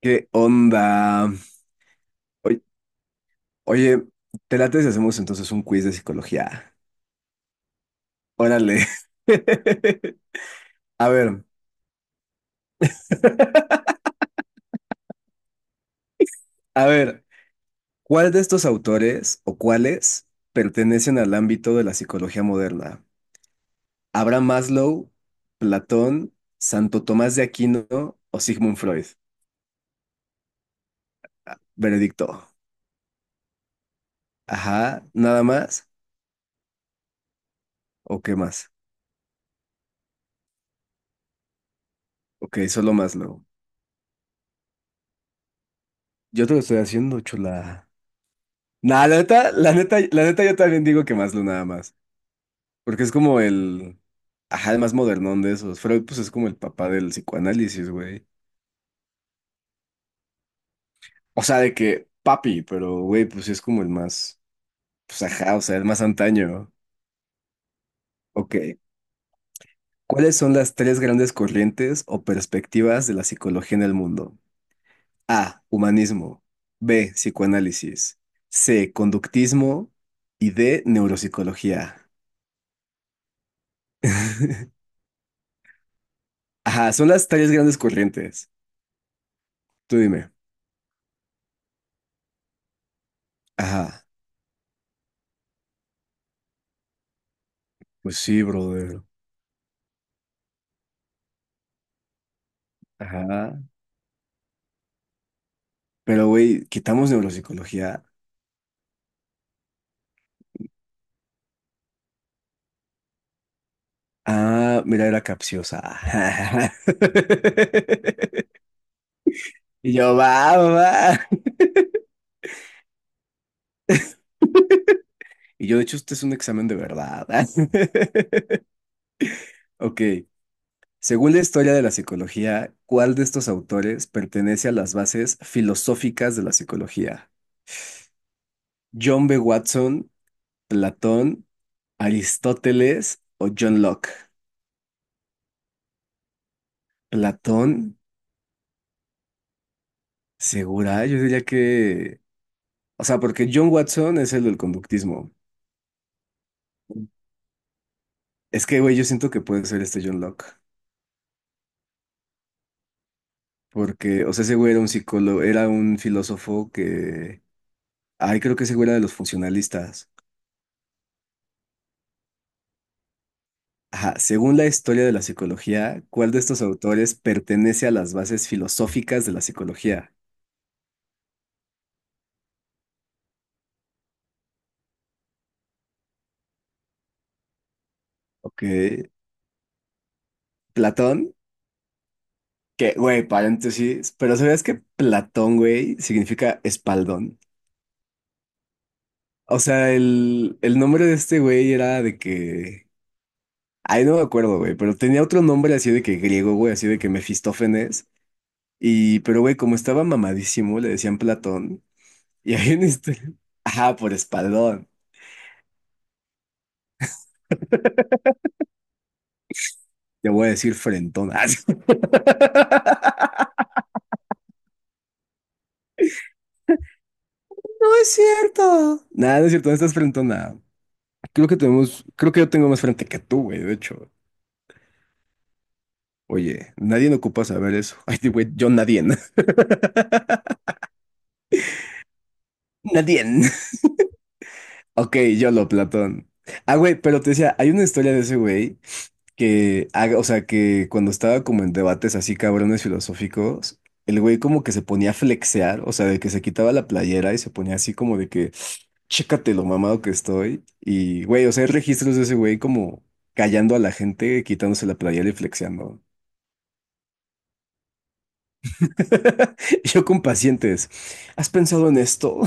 ¿Qué onda? Oy- Oye, ¿te late si hacemos entonces un quiz de psicología? Órale. A ver, a ver, ¿cuál de estos autores o cuáles pertenecen al ámbito de la psicología moderna? ¿Abraham Maslow, Platón, Santo Tomás de Aquino o Sigmund Freud? Veredicto. Ajá, ¿nada más? ¿O qué más? Ok, solo Maslow. Yo te lo estoy haciendo, chula. Nah, la neta, la neta, la neta, yo también digo que Maslow nada más. Porque es como el... Ajá, el más modernón de esos. Freud, pues es como el papá del psicoanálisis, güey. O sea, de que papi, pero güey, pues sí es como el más... Pues ajá, o sea, el más antaño. Ok. ¿Cuáles son las tres grandes corrientes o perspectivas de la psicología en el mundo? A. Humanismo. B. Psicoanálisis. C. Conductismo. Y D. Neuropsicología. Ajá, son las tres grandes corrientes. Tú dime. Ajá. Pues sí, brother. Ajá. Pero, güey, quitamos neuropsicología. Ah, mira, era capciosa. Y yo, va, va. Va". Y yo, de hecho, este es un examen de verdad. Ok. Según la historia de la psicología, ¿cuál de estos autores pertenece a las bases filosóficas de la psicología? ¿John B. Watson, Platón, Aristóteles o John Locke? Platón, segura, yo diría que... O sea, porque John Watson es el del conductismo. Es que, güey, yo siento que puede ser este John Locke. Porque, o sea, ese güey era un psicólogo, era un filósofo que. Ay, creo que ese güey era de los funcionalistas. Ajá, según la historia de la psicología, ¿cuál de estos autores pertenece a las bases filosóficas de la psicología? Ok, Platón, que, güey, paréntesis, pero ¿sabías que Platón, güey, significa espaldón? O sea, el nombre de este güey era de que. Ay, no me acuerdo, güey, pero tenía otro nombre así de que griego, güey, así de que Mefistófenes. Y, pero güey, como estaba mamadísimo, le decían Platón. Y ahí en este... Ajá, por espaldón. Te voy a decir frentón. Ah, sí. No es cierto. Nada, no es cierto, no estás frentona. Creo que yo tengo más frente que tú, güey, de hecho. Oye, nadie no ocupa saber eso. Ay, güey, yo nadie. Nadie. Ok, yo lo, Platón. Ah, güey, pero te decía, hay una historia de ese güey que haga, o sea, que cuando estaba como en debates así cabrones filosóficos, el güey como que se ponía a flexear, o sea, de que se quitaba la playera y se ponía así como de que, chécate lo mamado que estoy. Y, güey, o sea, hay registros de ese güey como callando a la gente, quitándose la playera y flexeando. Yo con pacientes, ¿has pensado en esto?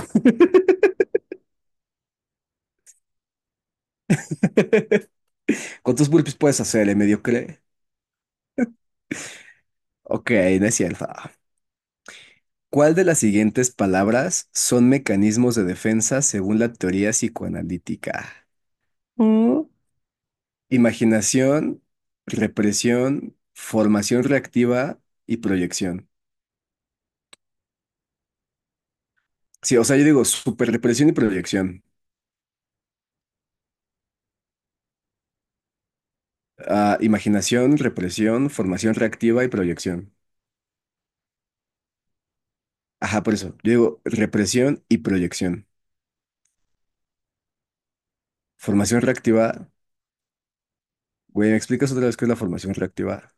¿Cuántos burpees puedes hacer, mediocre? Ok, no es cierto. ¿Cuál de las siguientes palabras son mecanismos de defensa según la teoría psicoanalítica? Mm, Imaginación, represión, formación reactiva y proyección. Sí, o sea, yo digo superrepresión y proyección. Ah, imaginación, represión, formación reactiva y proyección. Ajá, por eso. Yo digo represión y proyección. Formación reactiva. Güey, ¿me explicas otra vez qué es la formación reactiva?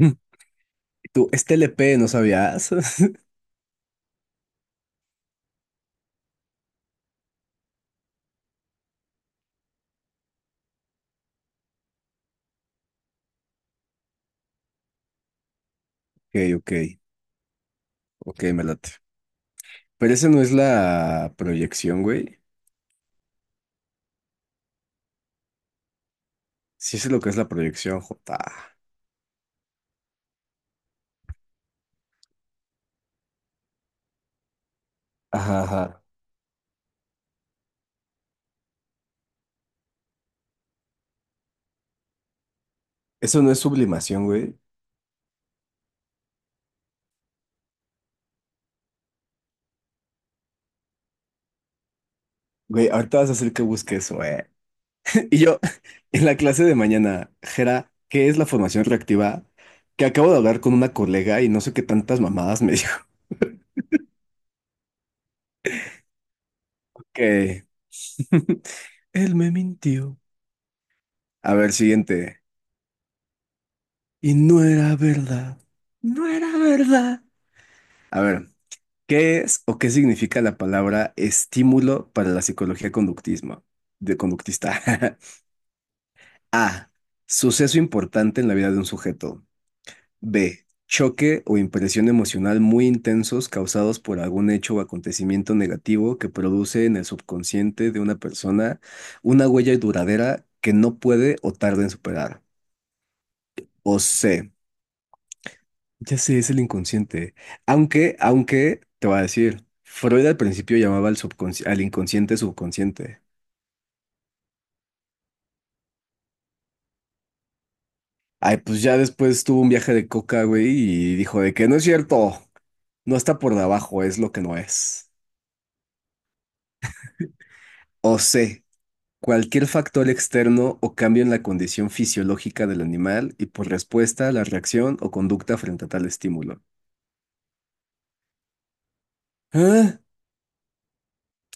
Mm. Tú, es TLP, ¿no sabías? Ok, ok, ok, me late. Pero esa no es la proyección, güey. Sí, eso es lo que es la proyección, Jota. Ajá, ajá. Eso no es sublimación, güey. Güey, ahorita vas a hacer que busque eso, eh. Y yo, en la clase de mañana, Jera, ¿qué es la formación reactiva? Que acabo de hablar con una colega y no sé qué tantas mamadas me dijo que él me mintió. A ver, siguiente. Y no era verdad. No era verdad. A ver. ¿Qué es o qué significa la palabra estímulo para la psicología conductismo, de conductista? A. Suceso importante en la vida de un sujeto. B. Choque o impresión emocional muy intensos causados por algún hecho o acontecimiento negativo que produce en el subconsciente de una persona una huella duradera que no puede o tarda en superar. O C. Ya sé, es el inconsciente. Aunque, aunque, te voy a decir, Freud al principio llamaba al al inconsciente subconsciente. Ay, pues ya después tuvo un viaje de coca, güey, y dijo de que no es cierto, no está por debajo, es lo que no es. O C, cualquier factor externo o cambio en la condición fisiológica del animal y por respuesta a la reacción o conducta frente a tal estímulo. ¿Ah?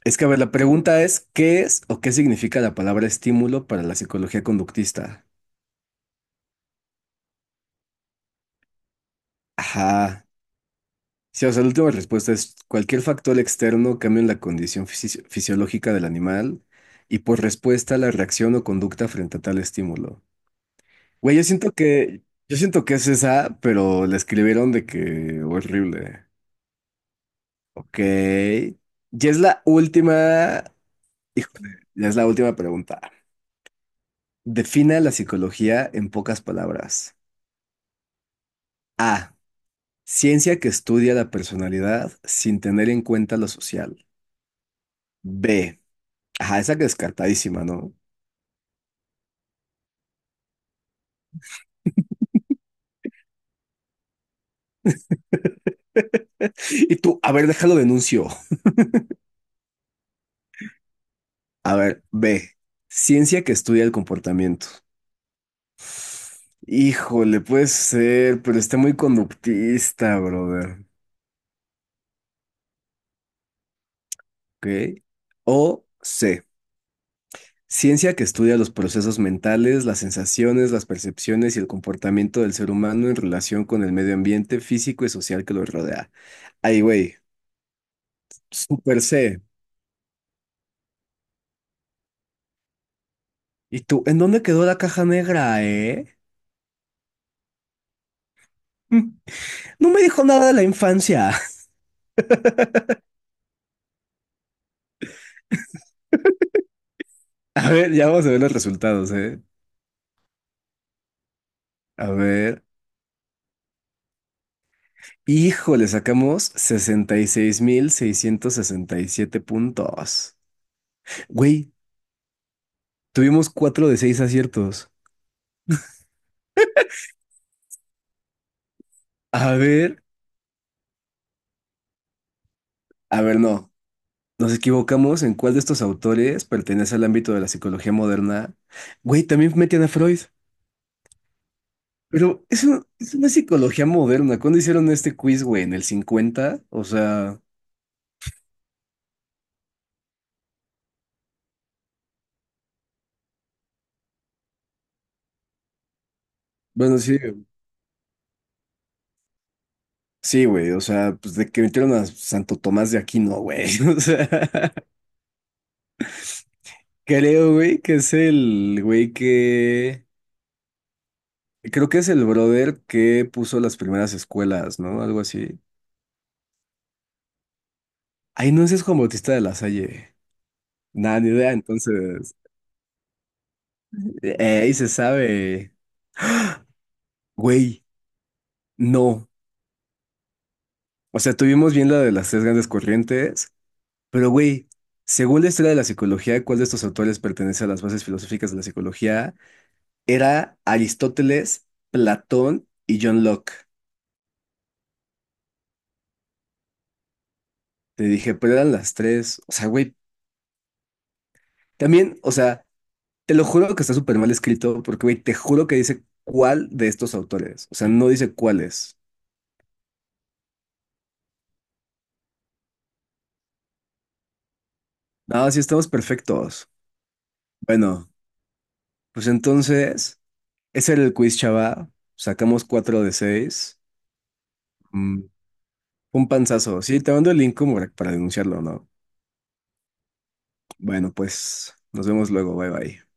Es que, a ver, la pregunta es, ¿qué es o qué significa la palabra estímulo para la psicología conductista? Ajá. Sí, o sea, la última respuesta es cualquier factor externo cambia en la condición fisiológica del animal y por respuesta la reacción o conducta frente a tal estímulo. Güey, yo siento que es esa, pero la escribieron de que horrible. Ok. Ya es la última, híjole, ya es la última pregunta. Defina la psicología en pocas palabras. A. Ciencia que estudia la personalidad sin tener en cuenta lo social. B. Ajá, esa que descartadísima, ¿no? Y tú, a ver, déjalo denuncio. A ver, B. Ciencia que estudia el comportamiento. Híjole, puede ser, pero está muy conductista, brother. ¿Ok? O C. Ciencia que estudia los procesos mentales, las sensaciones, las percepciones y el comportamiento del ser humano en relación con el medio ambiente físico y social que lo rodea. Ay, güey, super C. ¿Y tú, en dónde quedó la caja negra, eh? Mm, No me dijo nada de la infancia. A ver, ya vamos a ver los resultados, ¿eh? A ver. Híjole, sacamos sesenta y seis mil seiscientos sesenta y siete puntos. Güey, tuvimos cuatro de seis aciertos. A ver, a ver, no. Nos equivocamos en cuál de estos autores pertenece al ámbito de la psicología moderna. Güey, también metían a Freud. Pero es, es una psicología moderna. ¿Cuándo hicieron este quiz, güey? ¿En el cincuenta? O sea, bueno, sí, sí, güey. O sea, pues de que metieron a Santo Tomás de Aquino, güey. O sea. Creo, güey, que es el güey que... Creo que es el brother que puso las primeras escuelas, ¿no? Algo así. Ay, no, ese es Juan Bautista de la Salle. Nada, ni idea, entonces... ahí se sabe. Güey, no. O sea, tuvimos bien la de las tres grandes corrientes, pero güey, según la historia de la psicología, ¿cuál de estos autores pertenece a las bases filosóficas de la psicología? Era Aristóteles, Platón y John Locke. Te dije, pero eran las tres. O sea, güey, también, o sea... Te lo juro que está súper mal escrito, porque, güey, te juro que dice cuál de estos autores. O sea, no dice cuáles. No, sí estamos perfectos. Bueno, pues entonces, ese era el quiz, chava. Sacamos cuatro de seis. Mm, un panzazo. Sí, te mando el link como para denunciarlo, ¿no? Bueno, pues nos vemos luego. Bye bye.